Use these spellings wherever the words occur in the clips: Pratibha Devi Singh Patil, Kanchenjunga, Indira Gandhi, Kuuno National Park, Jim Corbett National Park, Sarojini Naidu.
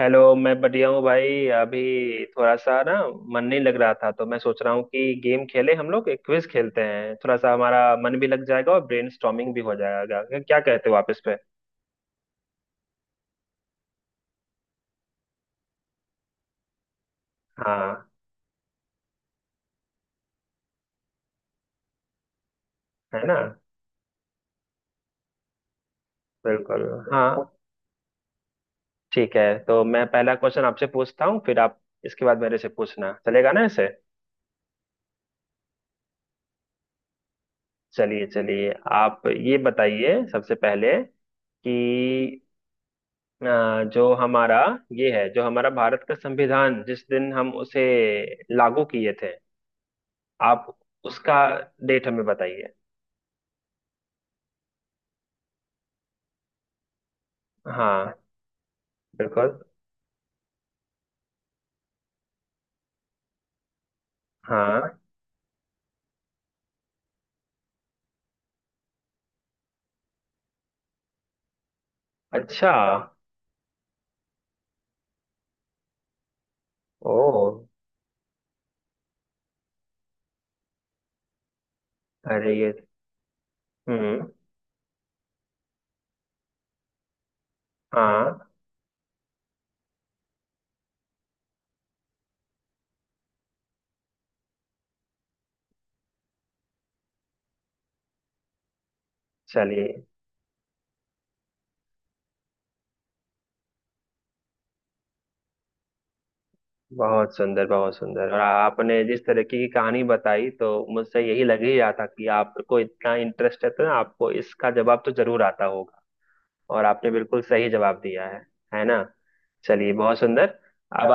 Hello. मैं बढ़िया हूँ भाई। अभी थोड़ा सा ना मन नहीं लग रहा था, तो मैं सोच रहा हूँ कि गेम खेले हम लोग। एक क्विज खेलते हैं, थोड़ा सा हमारा मन भी लग जाएगा और ब्रेनस्टॉर्मिंग भी हो जाएगा। क्या कहते हो आप इस पे? हाँ। है ना। बिल्कुल। हाँ। ठीक है, तो मैं पहला क्वेश्चन आपसे पूछता हूँ, फिर आप इसके बाद मेरे से पूछना। चलेगा ना ऐसे? चलिए चलिए, आप ये बताइए सबसे पहले कि अ, जो हमारा ये है, जो हमारा भारत का संविधान जिस दिन हम उसे लागू किए थे, आप उसका डेट हमें बताइए। हाँ। बिल्कुल। हाँ। अच्छा। ओ। अरे ये। हम्म। हाँ। चलिए बहुत सुंदर बहुत सुंदर, और आपने जिस तरीके की कहानी बताई, तो मुझसे यही लग ही रहा था कि आपको इतना इंटरेस्ट है, तो आपको इसका जवाब तो जरूर आता होगा। और आपने बिल्कुल सही जवाब दिया है। है ना? चलिए बहुत सुंदर। अब चलिए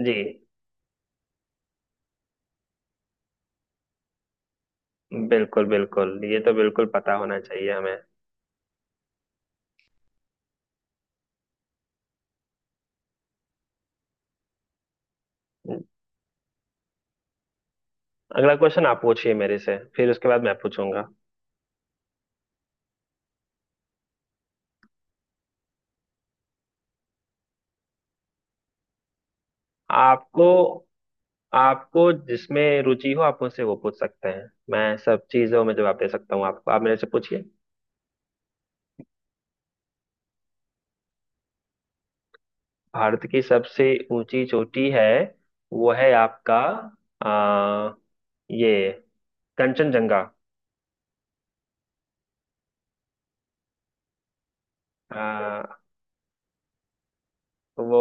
जी। बिल्कुल बिल्कुल, ये तो बिल्कुल पता होना चाहिए हमें। अगला क्वेश्चन आप पूछिए मेरे से, फिर उसके बाद मैं पूछूंगा। आपको आपको जिसमें रुचि हो, आप मुझसे वो पूछ सकते हैं। मैं सब चीजों में जवाब दे सकता हूँ आपको। आप मेरे से पूछिए। भारत की सबसे ऊंची चोटी है, वो है आपका आ, ये कंचनजंगा। आ, वो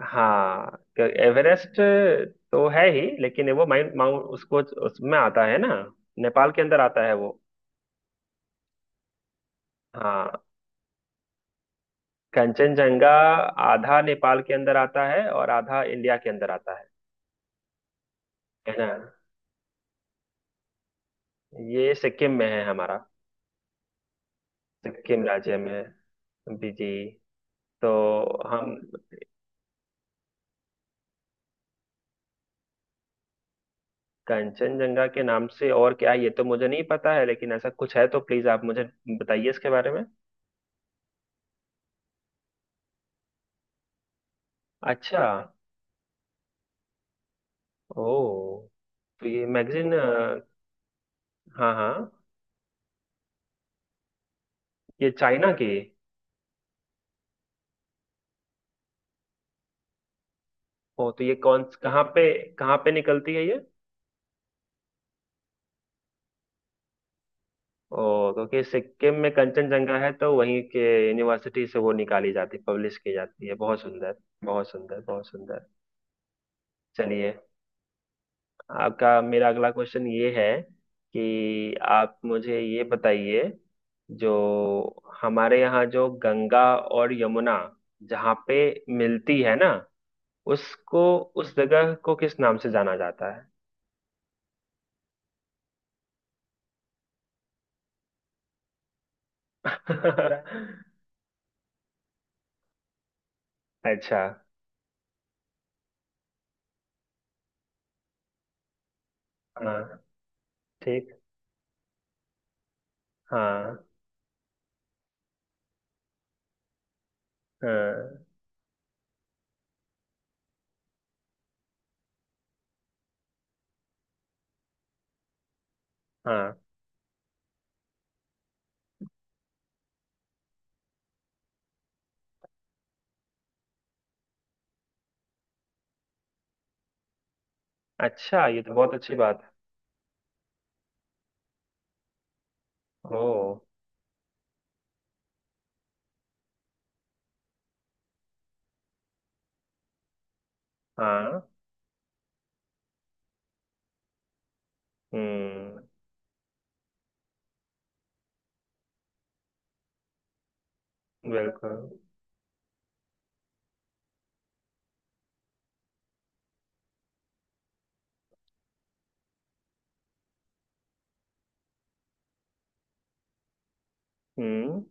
हाँ एवरेस्ट तो है ही, लेकिन वो माउंट माउंट उसको उसमें आता है ना। नेपाल के अंदर आता है वो। हाँ। कंचनजंगा आधा नेपाल के अंदर आता है और आधा इंडिया के अंदर आता है। है ना? ये सिक्किम में है हमारा। सिक्किम राज्य में है। जी जी। तो हम कंचनजंगा के नाम से और क्या है ये तो मुझे नहीं पता है, लेकिन ऐसा कुछ है तो प्लीज आप मुझे बताइए इसके बारे में। अच्छा। ओ। तो ये मैगजीन। हाँ हाँ। ये चाइना की। ओ तो ये कौन, कहाँ पे निकलती है ये? ओ, क्योंकि सिक्किम में कंचनजंगा है तो वहीं के यूनिवर्सिटी से वो निकाली जाती, पब्लिश की जाती है। बहुत सुंदर। बहुत सुंदर बहुत सुंदर। चलिए आपका, मेरा अगला क्वेश्चन ये है कि आप मुझे ये बताइए, जो हमारे यहाँ जो गंगा और यमुना जहाँ पे मिलती है ना, उसको, उस जगह को किस नाम से जाना जाता है? अच्छा। हाँ। ठीक। हाँ हाँ हाँ। अच्छा, ये तो बहुत अच्छी बात है। ओ। हाँ। हम्म। बिल्कुल। हम्म।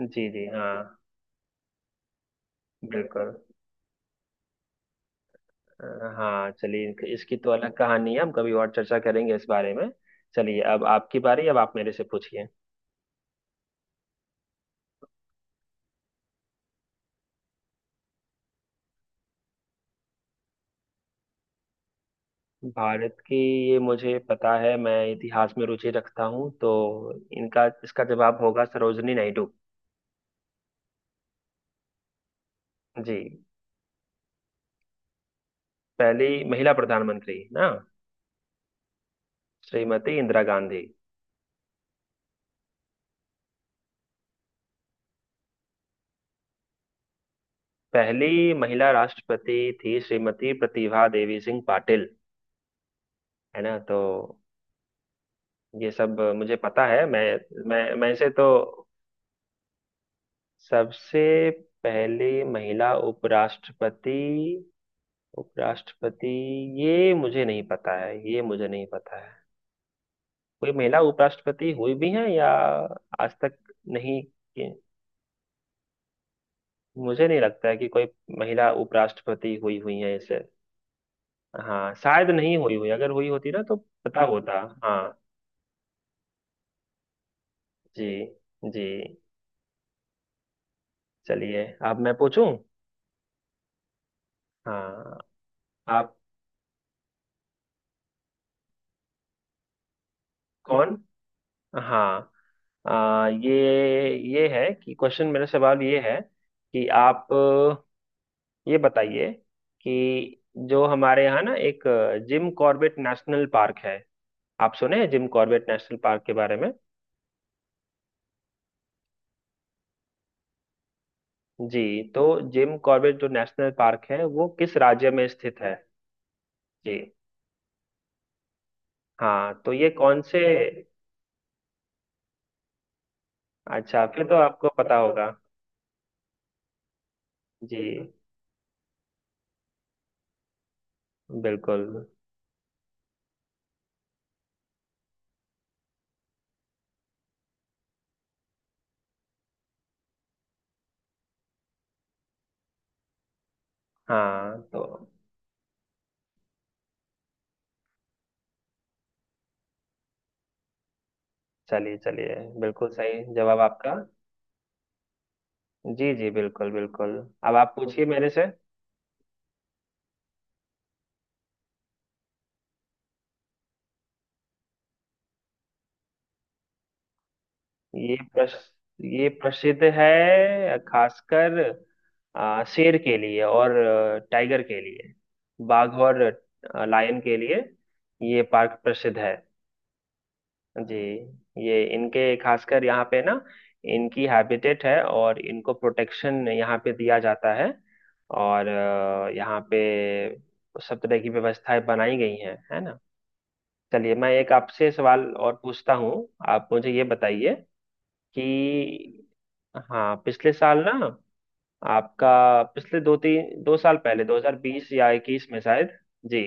जी जी हाँ। बिल्कुल। अ, हाँ चलिए, इसकी तो अलग कहानी है, हम कभी और चर्चा करेंगे इस बारे में। चलिए अब आपकी बारी। अब आप मेरे से पूछिए। भारत की, ये मुझे पता है, मैं इतिहास में रुचि रखता हूँ, तो इनका, इसका जवाब होगा सरोजनी नायडू। जी। पहली महिला प्रधानमंत्री ना? श्रीमती इंदिरा गांधी। पहली महिला राष्ट्रपति थी श्रीमती प्रतिभा देवी सिंह पाटिल। है ना? तो ये सब मुझे पता है। मैं इसे तो। सबसे पहली महिला उपराष्ट्रपति। उपराष्ट्रपति, ये मुझे नहीं पता है, ये मुझे नहीं पता है। कोई महिला उपराष्ट्रपति हुई भी है या आज तक नहीं? मुझे नहीं लगता है कि कोई महिला उपराष्ट्रपति हुई हुई है इसे। हाँ शायद नहीं हुई हुई, अगर हुई होती ना तो पता होता। हाँ। जी जी। चलिए अब मैं पूछूं। हाँ। आप। कौन। हाँ आ, ये ये है कि क्वेश्चन, मेरा सवाल ये है कि आप ये बताइए कि जो हमारे यहाँ ना एक जिम कॉर्बेट नेशनल पार्क है। आप सुने हैं जिम कॉर्बेट नेशनल पार्क के बारे में? जी। तो जिम कॉर्बेट जो नेशनल पार्क है वो किस राज्य में स्थित है? जी हाँ, तो ये कौन से। अच्छा, फिर तो आपको पता होगा। जी। बिल्कुल। हाँ तो चलिए चलिए, बिल्कुल सही जवाब आपका। जी जी बिल्कुल बिल्कुल। अब आप पूछिए मेरे से। ये प्रश्न, ये प्रसिद्ध है खासकर शेर के लिए और टाइगर के लिए, बाघ और लायन के लिए। ये पार्क प्रसिद्ध है। जी। ये इनके, खासकर यहाँ पे ना इनकी हैबिटेट है और इनको प्रोटेक्शन यहाँ पे दिया जाता है। और यहाँ पे सब तरह की व्यवस्थाएं बनाई गई हैं। है ना? चलिए मैं एक आपसे सवाल और पूछता हूँ। आप मुझे ये बताइए कि हाँ पिछले साल ना, आपका पिछले दो तीन, दो साल पहले, 2020 या 21 में शायद। जी।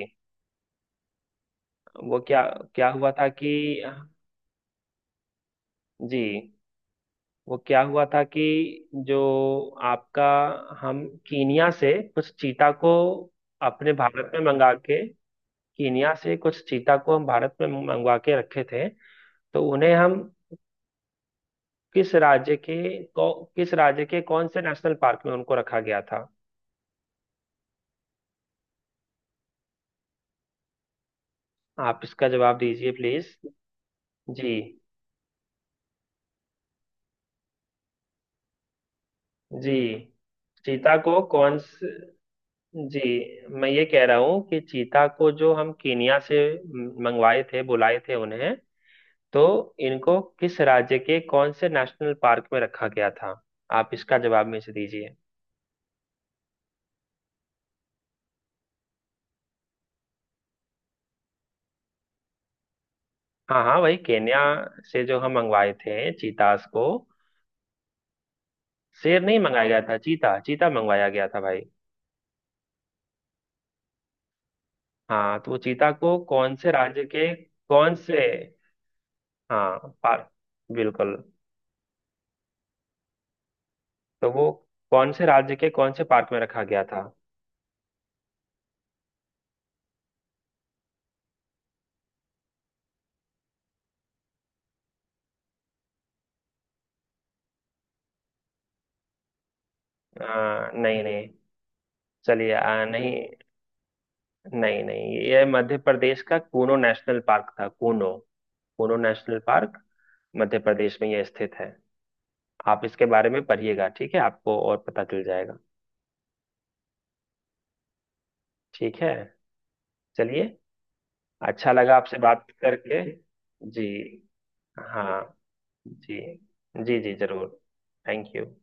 वो क्या, क्या हुआ था कि। जी। वो क्या हुआ था कि जो आपका हम कीनिया से कुछ चीता को अपने भारत में मंगा के, कीनिया से कुछ चीता को हम भारत में मंगवा के रखे थे। तो उन्हें हम किस राज्य के किस राज्य के कौन से नेशनल पार्क में उनको रखा गया था? आप इसका जवाब दीजिए प्लीज। जी। जी। चीता को कौन से। जी। मैं ये कह रहा हूँ कि चीता को जो हम कीनिया से मंगवाए थे, बुलाए थे उन्हें, तो इनको किस राज्य के कौन से नेशनल पार्क में रखा गया था? आप इसका जवाब में से दीजिए। हाँ हाँ वही केन्या से, जो हम मंगवाए थे चीतास को। शेर नहीं मंगाया गया था, चीता चीता मंगवाया गया था भाई। हाँ, तो वो चीता को कौन से राज्य के, कौन से। हाँ। पार्क। बिल्कुल। तो वो कौन से राज्य के, कौन से पार्क में रखा गया था? नहीं नहीं। चलिए नहीं। नहीं नहीं, ये मध्य प्रदेश का कूनो नेशनल पार्क था। कूनो, कोनो नेशनल पार्क मध्य प्रदेश में यह स्थित है। आप इसके बारे में पढ़िएगा, ठीक है, आपको और पता चल जाएगा। ठीक है। चलिए, अच्छा लगा आपसे बात करके। जी। हाँ। जी। जी जी जरूर। Thank you.